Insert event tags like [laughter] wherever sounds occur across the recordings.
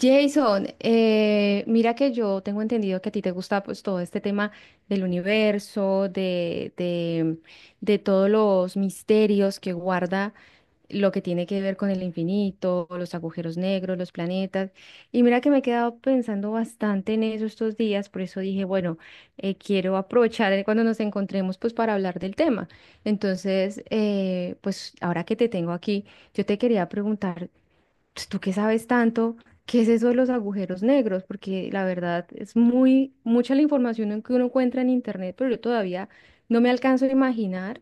Jason, mira que yo tengo entendido que a ti te gusta pues todo este tema del universo, de todos los misterios que guarda lo que tiene que ver con el infinito, los agujeros negros, los planetas. Y mira que me he quedado pensando bastante en eso estos días, por eso dije, bueno, quiero aprovechar cuando nos encontremos pues para hablar del tema. Entonces, pues ahora que te tengo aquí, yo te quería preguntar pues, tú que sabes tanto, ¿qué es eso de los agujeros negros? Porque la verdad es muy mucha la información en que uno encuentra en internet, pero yo todavía no me alcanzo a imaginar,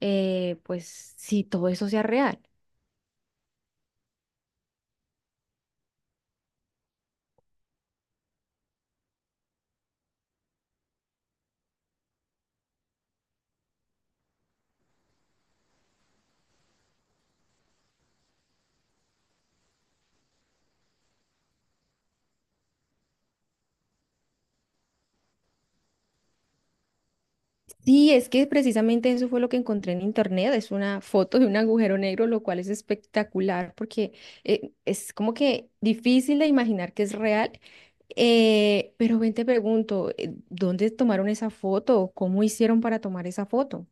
pues, si todo eso sea real. Sí, es que precisamente eso fue lo que encontré en internet, es una foto de un agujero negro, lo cual es espectacular porque es como que difícil de imaginar que es real. Pero ven, te pregunto, ¿dónde tomaron esa foto? ¿Cómo hicieron para tomar esa foto?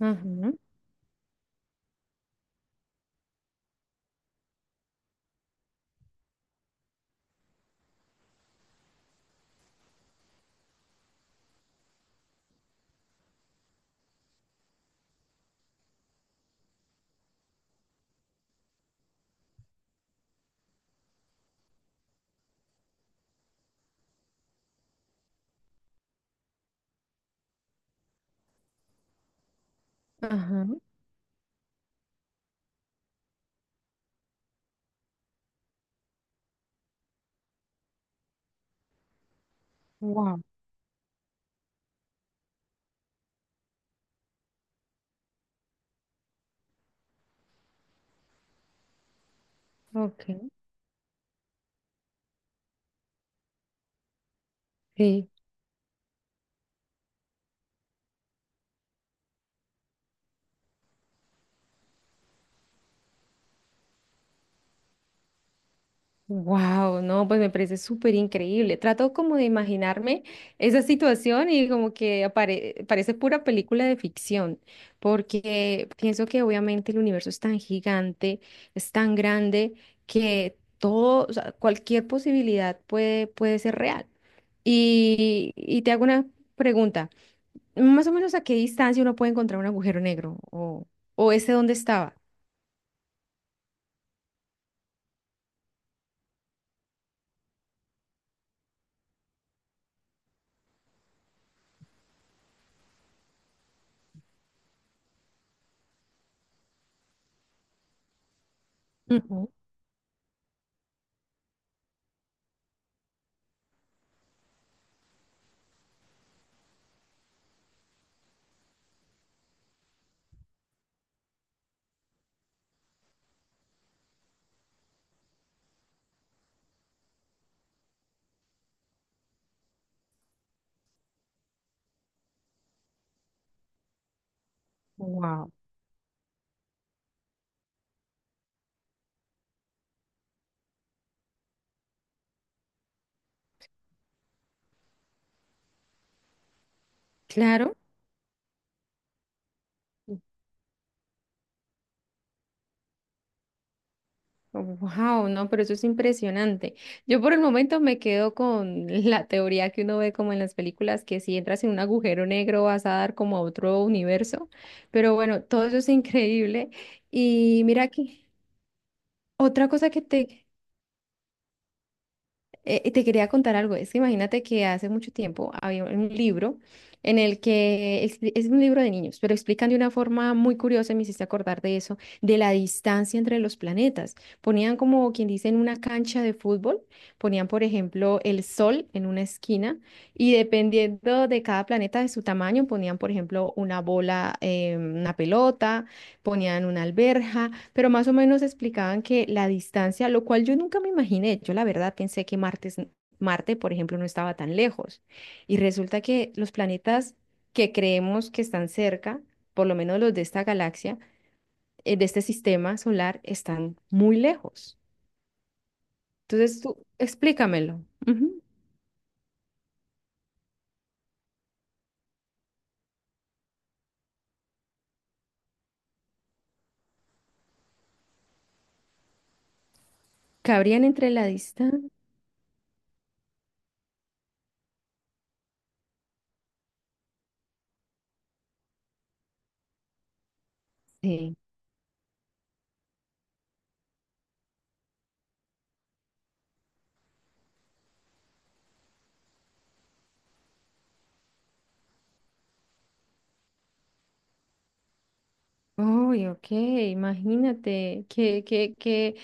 Ajá. Ajá, wow, ok, sí, wow, no, pues me parece súper increíble. Trato como de imaginarme esa situación y como que parece pura película de ficción, porque pienso que obviamente el universo es tan gigante, es tan grande, que todo, o sea, cualquier posibilidad puede ser real. Y te hago una pregunta, más o menos a qué distancia uno puede encontrar un agujero negro o ese dónde estaba. Wow. Claro, wow, no, pero eso es impresionante. Yo por el momento me quedo con [laughs] la teoría que uno ve como en las películas, que si entras en un agujero negro vas a dar como a otro universo, pero bueno, todo eso es increíble. Y mira aquí, otra cosa que te, te quería contar algo, es que imagínate que hace mucho tiempo había un libro en el que es un libro de niños, pero explican de una forma muy curiosa, y me hiciste acordar de eso, de la distancia entre los planetas. Ponían como quien dice en una cancha de fútbol, ponían por ejemplo el Sol en una esquina y dependiendo de cada planeta de su tamaño, ponían por ejemplo una bola, una pelota ponían una alberja, pero más o menos explicaban que la distancia, lo cual yo nunca me imaginé, yo la verdad pensé que Marte, por ejemplo, no estaba tan lejos. Y resulta que los planetas que creemos que están cerca, por lo menos los de esta galaxia, de este sistema solar, están muy lejos. Entonces, tú explícamelo. Ujú. ¿Cabrían entre la distancia? Uy, ok, imagínate,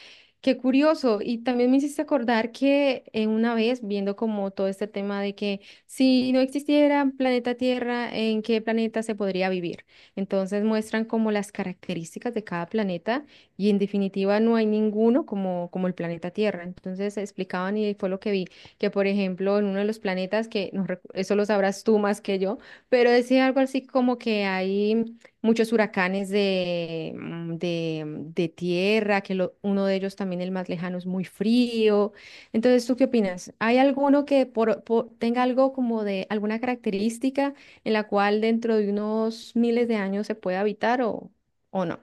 qué curioso. Y también me hiciste acordar que una vez viendo como todo este tema de que si no existiera planeta Tierra, ¿en qué planeta se podría vivir? Entonces muestran como las características de cada planeta y en definitiva no hay ninguno como el planeta Tierra. Entonces explicaban y fue lo que vi, que por ejemplo en uno de los planetas, que no eso lo sabrás tú más que yo, pero decía algo así como que hay muchos huracanes de tierra, que uno de ellos también el más lejano es muy frío. Entonces, ¿tú qué opinas? ¿Hay alguno que tenga algo como de alguna característica en la cual dentro de unos miles de años se pueda habitar o no?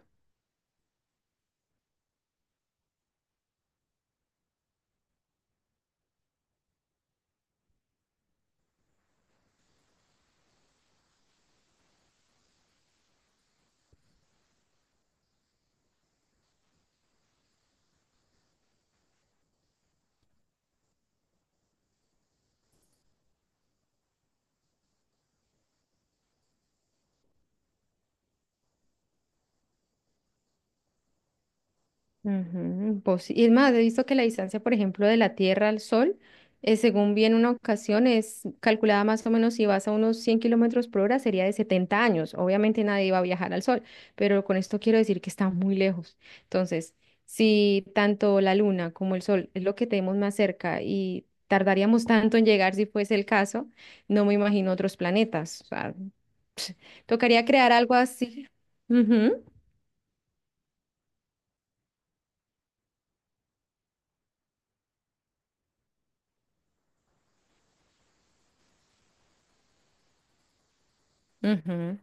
Ujú, pos- y es más, he visto que la distancia, por ejemplo, de la Tierra al Sol, según vi en una ocasión, es calculada más o menos si vas a unos 100 kilómetros por hora, sería de 70 años. Obviamente nadie iba a viajar al Sol, pero con esto quiero decir que está muy lejos. Entonces, si tanto la Luna como el Sol es lo que tenemos más cerca y tardaríamos tanto en llegar si fuese el caso, no me imagino otros planetas. O sea, tocaría crear algo así. Ujú, ujú.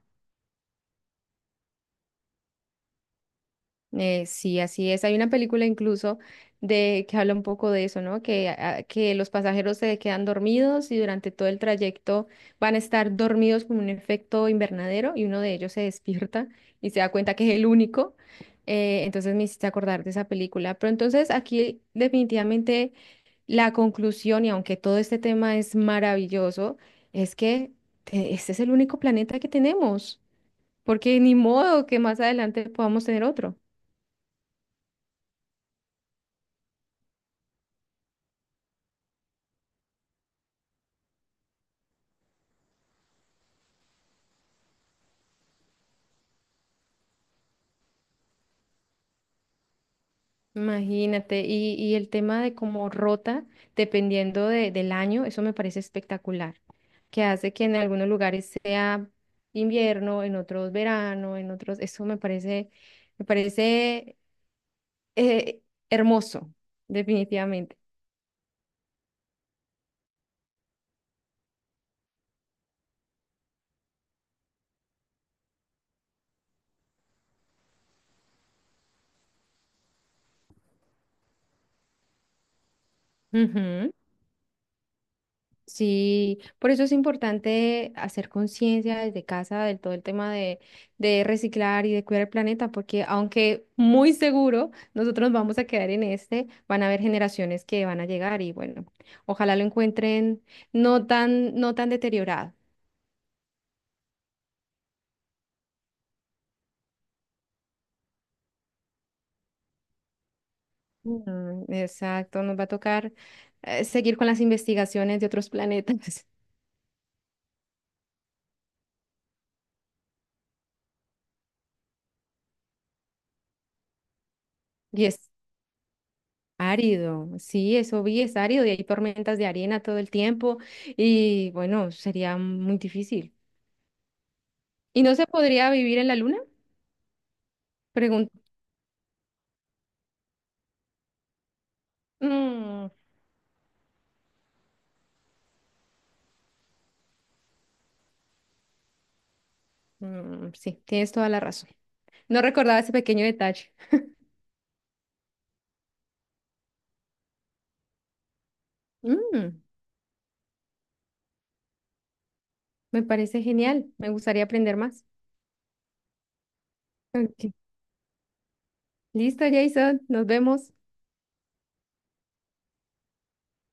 Sí, así es. Hay una película incluso de que habla un poco de eso, ¿no? Que, ah, que los pasajeros se quedan dormidos y durante todo el trayecto van a estar dormidos como un efecto invernadero y uno de ellos se despierta y se da cuenta que es el único. Entonces me hiciste acordar de esa película. Pero entonces aquí definitivamente la conclusión, y aunque todo este tema es maravilloso, es que este es el único planeta que tenemos, porque ni modo que más adelante podamos tener otro. Imagínate, y el tema de cómo rota, del año, eso me parece espectacular, que hace que en algunos lugares sea invierno, en otros verano, en otros, eso me parece eh, hermoso, definitivamente. Ujú. Sí, por eso es importante hacer conciencia desde casa del todo el tema de reciclar y de cuidar el planeta, porque aunque muy seguro nosotros vamos a quedar en este, van a haber generaciones que van a llegar y bueno, ojalá lo encuentren no tan deteriorado. Mm, exacto, nos va a tocar seguir con las investigaciones de otros planetas. [laughs] Y es Árido, sí, eso vi, es árido y hay tormentas de arena todo el tiempo y bueno, sería muy difícil. ¿Y no se podría vivir en la luna? Pregunta. Mm, mm, sí, tienes toda la razón. No recordaba ese pequeño detalle. Mm, me parece genial, me gustaría aprender más. Ok, listo, Jason, nos vemos.